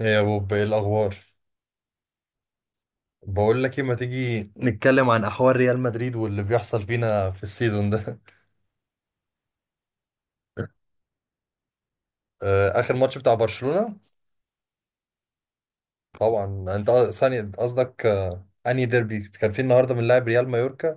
ايه يا بوب؟ ايه الاخبار؟ بقول لك ايه، ما تيجي نتكلم عن احوال ريال مدريد واللي بيحصل فينا في السيزون ده؟ آه، اخر ماتش بتاع برشلونة. طبعا، ثاني قصدك آه، انهي ديربي كان في النهارده؟ من لاعب ريال مايوركا،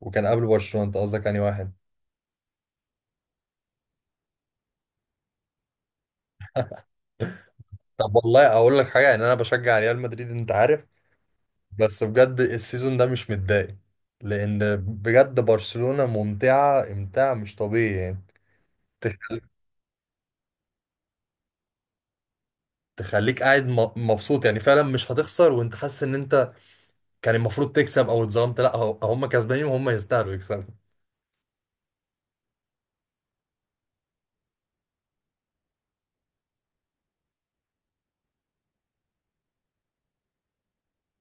وكان قبل برشلونة. انت قصدك انهي واحد؟ طب والله اقول لك حاجه، يعني انا بشجع ريال مدريد انت عارف، بس بجد السيزون ده مش متضايق، لان بجد برشلونة ممتعه امتاع مش طبيعي يعني. تخ- تخليك قاعد مبسوط يعني. فعلا مش هتخسر وانت حاسس ان انت كان المفروض تكسب او اتظلمت. لا، هم كسبانين وهم يستاهلوا يكسبوا.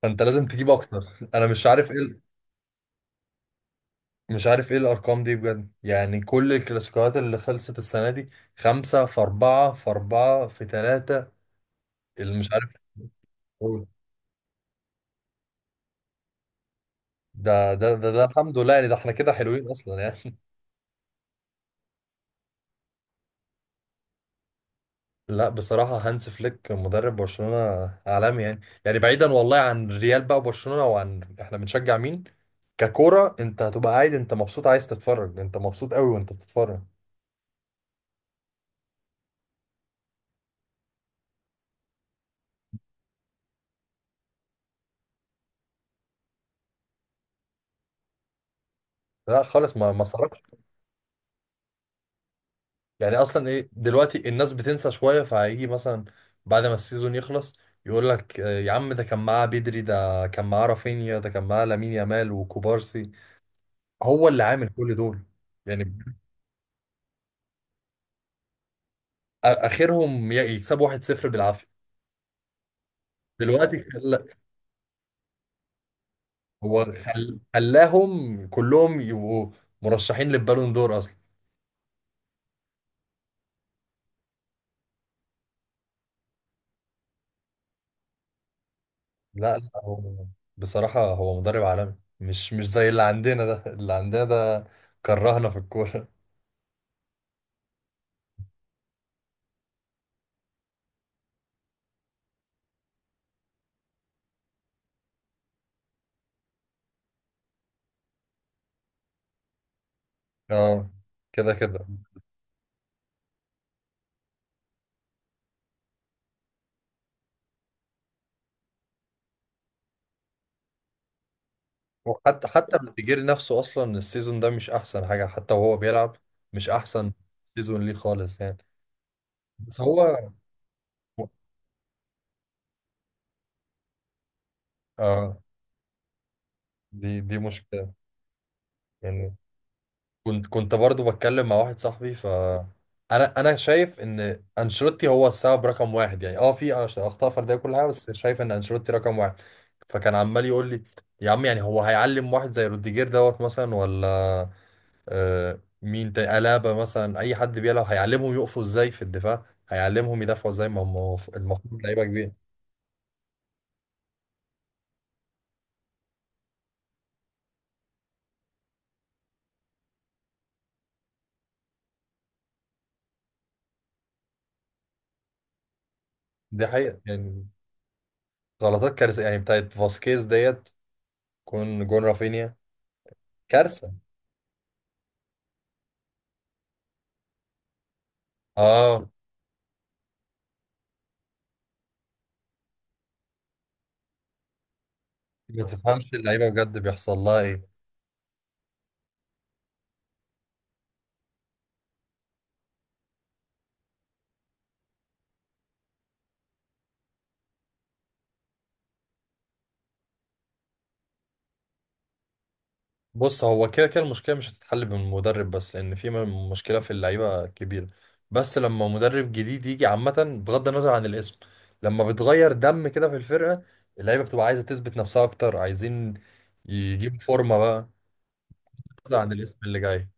فانت لازم تجيب اكتر. انا مش عارف ايه مش عارف ايه الارقام دي بجد يعني. كل الكلاسيكوات اللي خلصت السنه دي، خمسة في أربعة في أربعة في ثلاثة، اللي مش عارف أقول. ده الحمد لله يعني. ده احنا كده حلوين اصلا يعني. لا بصراحة هانس فليك مدرب برشلونة عالمي يعني. يعني بعيدا والله عن ريال بقى وبرشلونة، وعن احنا بنشجع مين، ككورة انت هتبقى قاعد انت مبسوط، عايز تتفرج، انت مبسوط قوي وانت بتتفرج. لا خالص، ما صرفش يعني. اصلا ايه دلوقتي؟ الناس بتنسى شويه، فهيجي مثلا بعد ما السيزون يخلص يقول لك آه، يا عم ده كان معاه بدري، ده كان معاه رافينيا، ده كان معاه لامين يامال وكوبارسي. هو اللي عامل كل دول يعني. اخرهم يكسبوا 1-0 بالعافيه. دلوقتي خل... هو خل... خلاهم كلهم يبقوا مرشحين للبالون دور اصلا. لا، هو بصراحه هو مدرب عالمي. مش زي اللي عندنا ده. اللي عندنا ده كرهنا في الكوره. اه، كده كده. وحتى بتجيري نفسه اصلا السيزون ده مش احسن حاجه، حتى وهو بيلعب مش احسن سيزون ليه خالص يعني. بس هو اه، دي مشكله يعني. كنت برضو بتكلم مع واحد صاحبي، ف انا شايف ان انشيلوتي هو السبب رقم واحد يعني. اه، في اخطاء فرديه كل حاجه، بس شايف ان انشيلوتي رقم واحد. فكان عمال يقول لي يا عم، يعني هو هيعلم واحد زي روديجير دوت مثلا، ولا آه، مين تاني، ألابا مثلا، أي حد بيلعب هيعلمهم يقفوا إزاي في الدفاع، هيعلمهم يدافعوا إزاي؟ ما هم المفروض لعيبة كبيرة. دي حقيقة يعني. غلطات كارثة يعني بتاعت فاسكيز ديت كون جون رافينيا كارثة. اه، ما تفهمش اللعيبة بجد بيحصل لها إيه. بص، هو كده كده المشكلة مش هتتحل بالمدرب بس، لأن في مشكلة في اللعيبة كبيرة. بس لما مدرب جديد يجي عامة، بغض النظر عن الاسم، لما بتغير دم كده في الفرقة، اللعيبة بتبقى عايزة تثبت نفسها أكتر، عايزين يجيبوا فورمة بقى، بغض عن الاسم اللي جاي.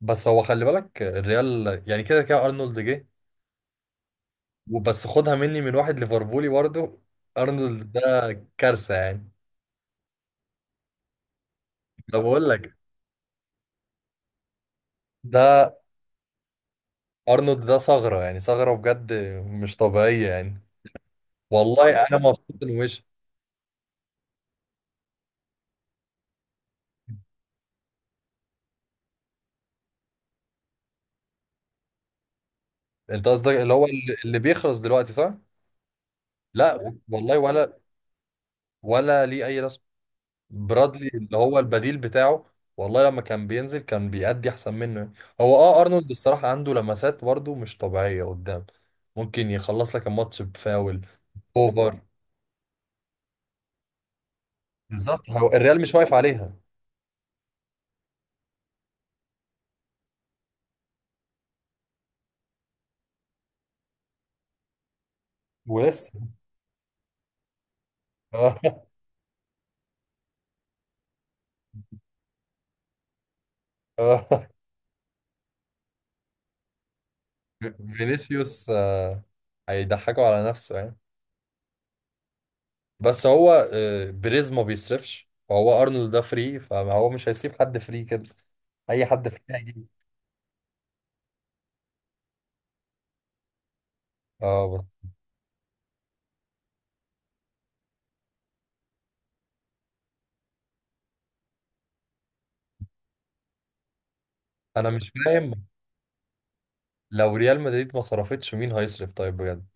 بس هو خلي بالك الريال يعني كده كده أرنولد جه، وبس خدها مني من واحد ليفربولي برضه، أرنولد ده كارثة يعني. أنا بقول لك ده، أرنولد ده ثغرة يعني، ثغرة بجد، مش طبيعية يعني. والله انا مبسوط ان وش انت قصدك اللي هو اللي اللي بيخلص دلوقتي، صح؟ لا والله، ولا ولا ليه اي رسم. برادلي اللي هو البديل بتاعه، والله لما كان بينزل كان بيأدي احسن منه. هو اه، ارنولد الصراحه عنده لمسات برضه مش طبيعيه قدام، ممكن يخلص لك الماتش بفاول. اوفر، بالظبط هو الريال مش واقف عليها. ولسه. آه، آه. فينيسيوس آه، هيضحكوا على نفسه يعني. بس هو آه، بريز ما بيصرفش، وهو ارنولد ده فري، فهو مش هيسيب حد فري كده. اي حد فري هيجيبه. اه بس انا مش فاهم، لو ريال مدريد ما صرفتش مين هيصرف طيب بجد؟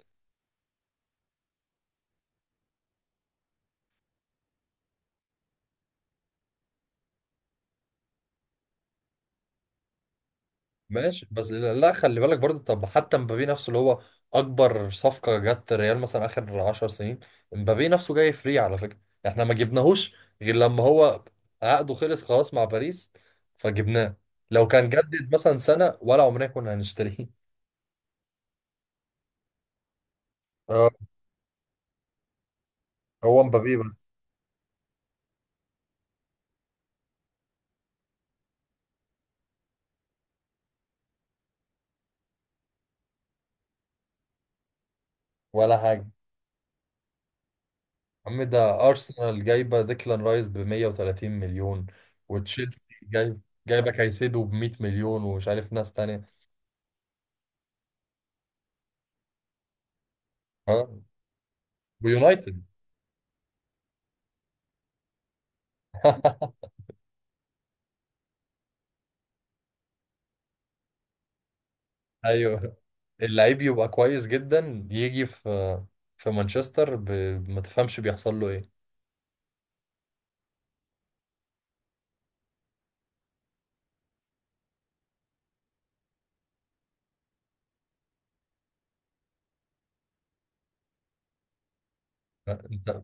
ماشي بس لا، خلي بالك برضو، طب حتى مبابي نفسه اللي هو اكبر صفقة جت ريال مثلا اخر 10 سنين، مبابي نفسه جاي فري على فكرة. احنا ما جبناهوش غير لما هو عقده خلص خلاص مع باريس، فجبناه. لو كان جدد مثلا سنة ولا، عمرنا كنا هنشتريه. اه، هو مبابي بس، ولا حاجة. يا عم ده أرسنال جايبة ديكلان رايس ب 130 مليون، وتشيلسي جايبة كايسيدو ب 100 مليون، ومش عارف ناس تانية. ها، ويونايتد. أيوه، اللعيب يبقى كويس جدا يجي في في مانشستر ب... ما تفهمش بيحصل له إيه. أنت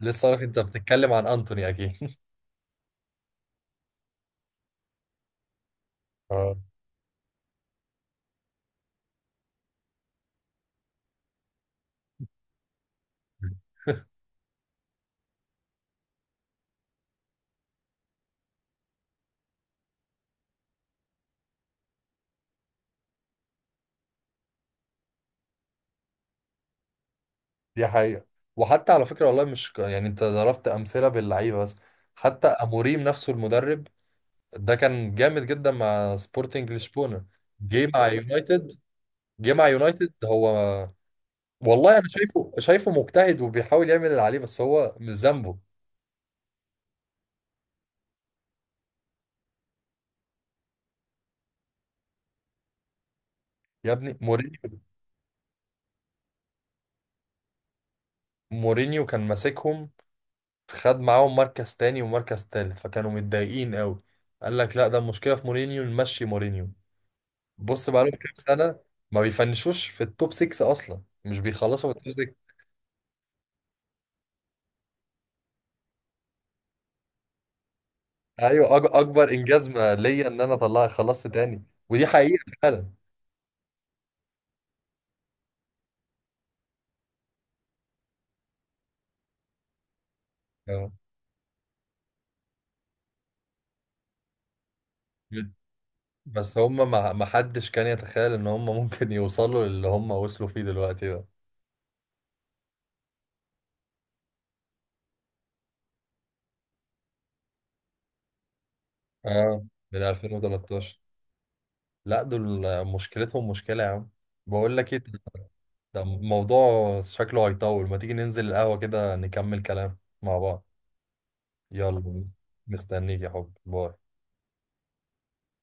لسه عارف أنت بتتكلم عن أنتوني أكيد. اه، دي حقيقة. وحتى على فكرة، والله مش يعني انت ضربت أمثلة باللعيبة بس، حتى أموريم نفسه المدرب ده كان جامد جدا مع سبورتنج لشبونه. جه مع اه يونايتد جه مع يونايتد هو. والله انا شايفه شايفه مجتهد وبيحاول يعمل اللي عليه، بس هو مش ذنبه. يا ابني مورينيو، مورينيو كان ماسكهم، خد معاهم مركز تاني ومركز تالت، فكانوا متضايقين قوي. قال لك لا، ده المشكله في مورينيو، نمشي مورينيو. بص بقالهم كام سنه ما بيفنشوش في التوب 6 اصلا، مش بيخلصوا في التوب 6. ايوه، اكبر انجاز ما ليا ان انا طلع خلصت تاني، ودي حقيقه فعلا. اه، بس هم ما حدش كان يتخيل ان هم ممكن يوصلوا للي هم وصلوا فيه دلوقتي ده. اه، من 2013. لا دول مشكلتهم مشكلة يا عم. بقول لك ايه، ده موضوع شكله هيطول. ما تيجي ننزل القهوة كده نكمل كلام مع بعض؟ يلا، مستنيك يا حب، باي.